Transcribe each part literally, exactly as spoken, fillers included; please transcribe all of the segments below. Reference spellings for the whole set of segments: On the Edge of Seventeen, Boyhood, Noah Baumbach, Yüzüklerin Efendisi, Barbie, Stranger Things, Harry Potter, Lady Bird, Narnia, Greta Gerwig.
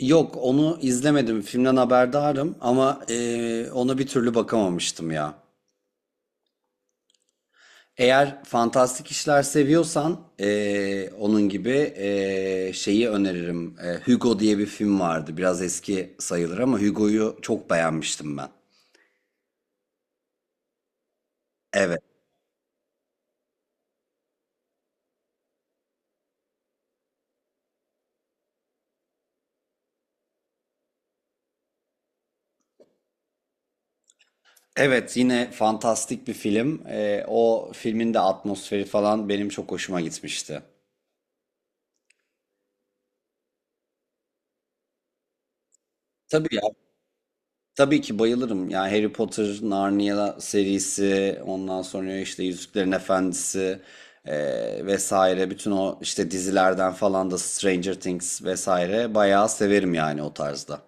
Yok onu izlemedim. Filmden haberdarım ama eee, ona bir türlü bakamamıştım ya. Eğer fantastik işler seviyorsan eee, onun gibi eee, şeyi öneririm. Eee, Hugo diye bir film vardı. Biraz eski sayılır ama Hugo'yu çok beğenmiştim ben. Evet. Evet, yine fantastik bir film. Eee, o filmin de atmosferi falan benim çok hoşuma gitmişti. Tabii ya. Tabii ki bayılırım. Yani Harry Potter, Narnia serisi, ondan sonra işte Yüzüklerin Efendisi, eee, vesaire. Bütün o işte dizilerden falan da Stranger Things vesaire bayağı severim yani o tarzda.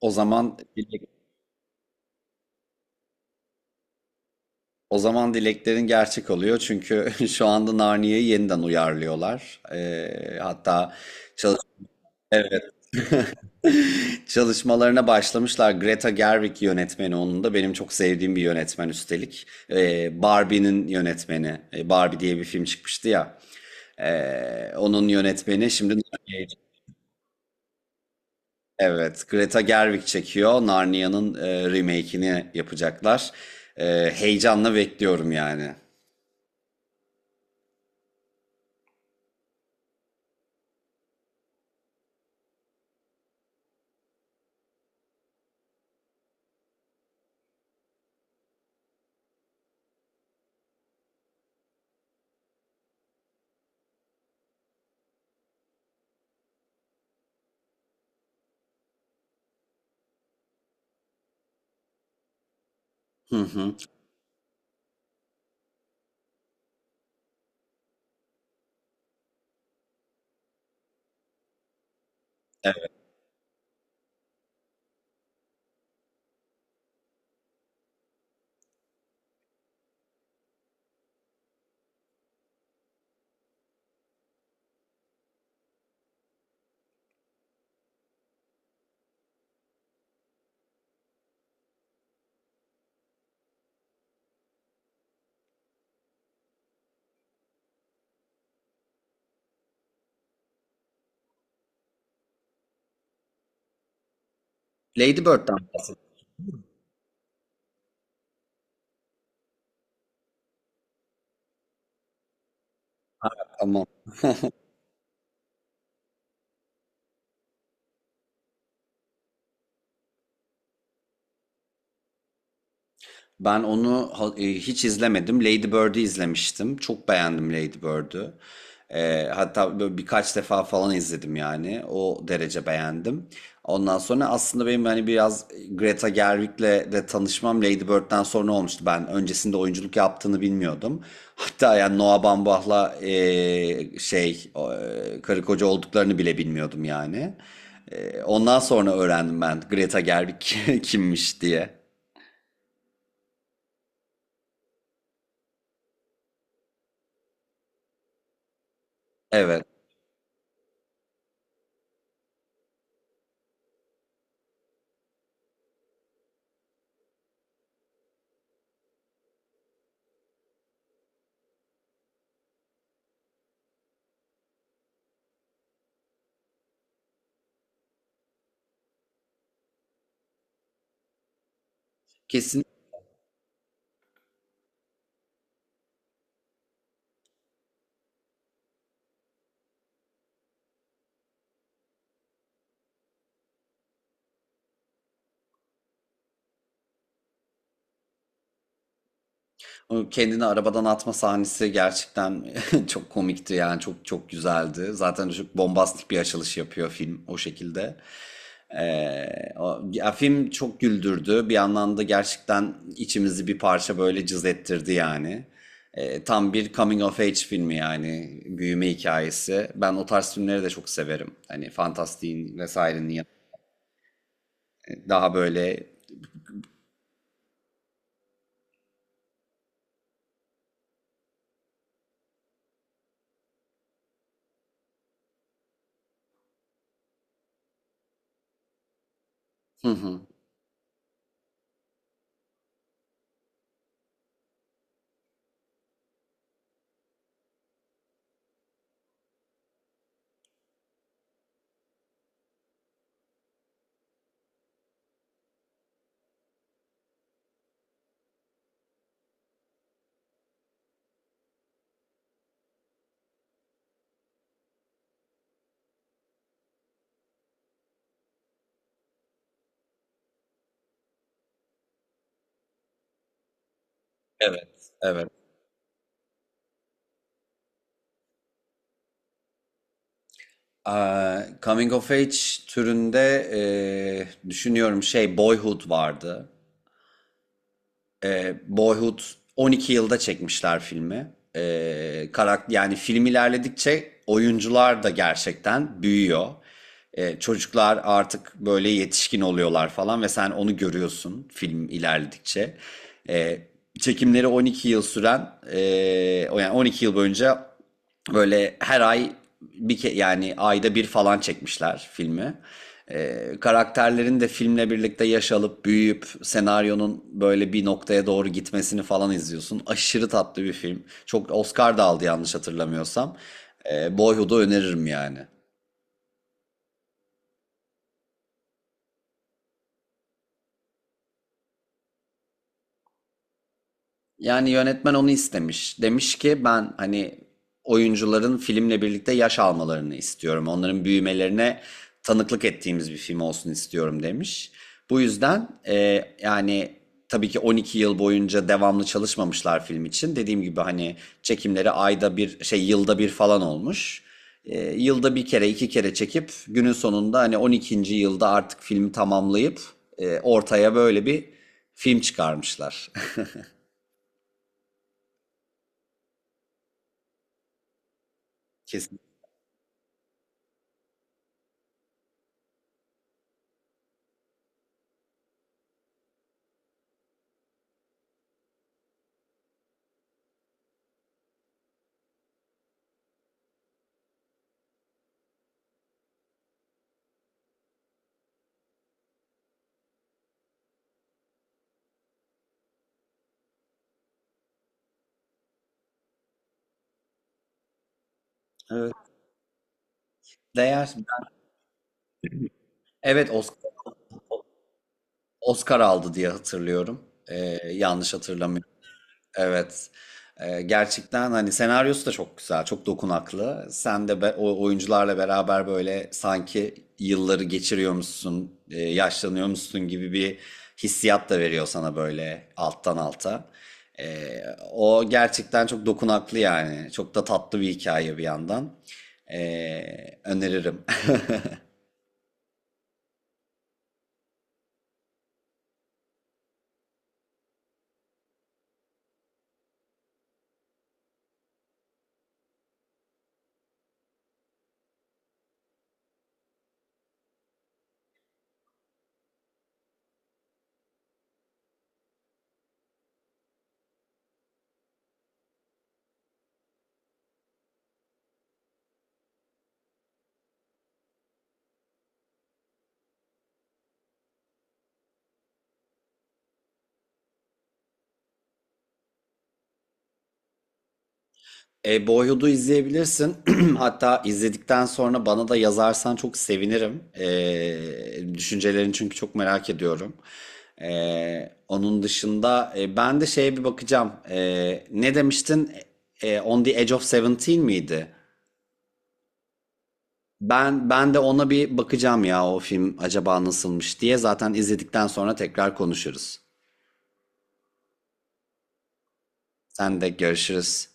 O zaman dilek- o zaman dileklerin gerçek oluyor çünkü şu anda Narnia'yı yeniden uyarlıyorlar. Eee, hatta çalış evet çalışmalarına başlamışlar. Greta Gerwig yönetmeni onun da. Benim çok sevdiğim bir yönetmen üstelik. Ee, Barbie'nin yönetmeni. Ee, Barbie diye bir film çıkmıştı ya. Ee, onun yönetmeni şimdi Narnia'yı- evet, Greta Gerwig çekiyor. Narnia'nın e, remake'ini yapacaklar. Ee, heyecanla bekliyorum yani. Hı hı. Evet. Lady Bird'den ama Ben onu ha- e, hiç izlemedim. Lady Bird'ü izlemiştim. Çok beğendim Lady Bird'ü. E, hatta böyle birkaç defa falan izledim yani. O derece beğendim. Ondan sonra aslında benim hani biraz Greta Gerwig'le de tanışmam Lady Bird'den sonra olmuştu. Ben öncesinde oyunculuk yaptığını bilmiyordum. Hatta yani Noah Baumbach'la e, şey o, e, karı koca olduklarını bile bilmiyordum yani. E, ondan sonra öğrendim ben Greta Gerwig kimmiş diye. Evet. O kendini arabadan atma sahnesi gerçekten çok komikti yani çok çok güzeldi. Zaten çok bombastik bir açılış yapıyor film o şekilde. Ee, o, ya film çok güldürdü. Bir yandan da gerçekten içimizi bir parça böyle cız ettirdi yani. Ee, tam bir coming of age filmi yani büyüme hikayesi. Ben o tarz filmleri de çok severim. Hani fantastiğin vesairenin yanı- daha böyle. Hı hı. Evet, evet. Aa, coming of age türünde e, düşünüyorum şey Boyhood vardı. E, Boyhood on iki yılda çekmişler filmi. E, karakter yani film ilerledikçe oyuncular da gerçekten büyüyor. E, çocuklar artık böyle yetişkin oluyorlar falan ve sen onu görüyorsun film ilerledikçe. E, çekimleri on iki yıl süren e, o yani on iki yıl boyunca böyle her ay bir ke yani ayda bir falan çekmişler filmi. Ee, karakterlerin de filmle birlikte yaş alıp büyüyüp senaryonun böyle bir noktaya doğru gitmesini falan izliyorsun. Aşırı tatlı bir film. Çok Oscar da aldı yanlış hatırlamıyorsam. Ee, Boyhood'u öneririm yani. Yani yönetmen onu istemiş. Demiş ki ben hani oyuncuların filmle birlikte yaş almalarını istiyorum. Onların büyümelerine tanıklık ettiğimiz bir film olsun istiyorum demiş. Bu yüzden e, yani tabii ki on iki yıl boyunca devamlı çalışmamışlar film için. Dediğim gibi hani çekimleri ayda bir şey yılda bir falan olmuş. E, yılda bir kere iki kere çekip günün sonunda hani on ikinci yılda artık filmi tamamlayıp e, ortaya böyle bir film çıkarmışlar. Kesin. Evet. Değer. Evet, Oscar, Oscar aldı diye hatırlıyorum. Ee, yanlış hatırlamıyorum. Evet. Ee, gerçekten hani senaryosu da çok güzel, çok dokunaklı. Sen de be- o oyuncularla beraber böyle sanki yılları geçiriyormuşsun, e, yaşlanıyormuşsun gibi bir hissiyat da veriyor sana böyle alttan alta. Ee, o gerçekten çok dokunaklı yani. Çok da tatlı bir hikaye bir yandan. Ee, öneririm. E, Boyhood'u izleyebilirsin. Hatta izledikten sonra bana da yazarsan çok sevinirim. E, düşüncelerini çünkü çok merak ediyorum. E, onun dışında e, ben de şeye bir bakacağım. E, ne demiştin? E, On the Edge of Seventeen miydi? Ben ben de ona bir bakacağım ya o film acaba nasılmış diye. Zaten izledikten sonra tekrar konuşuruz. Sen de görüşürüz.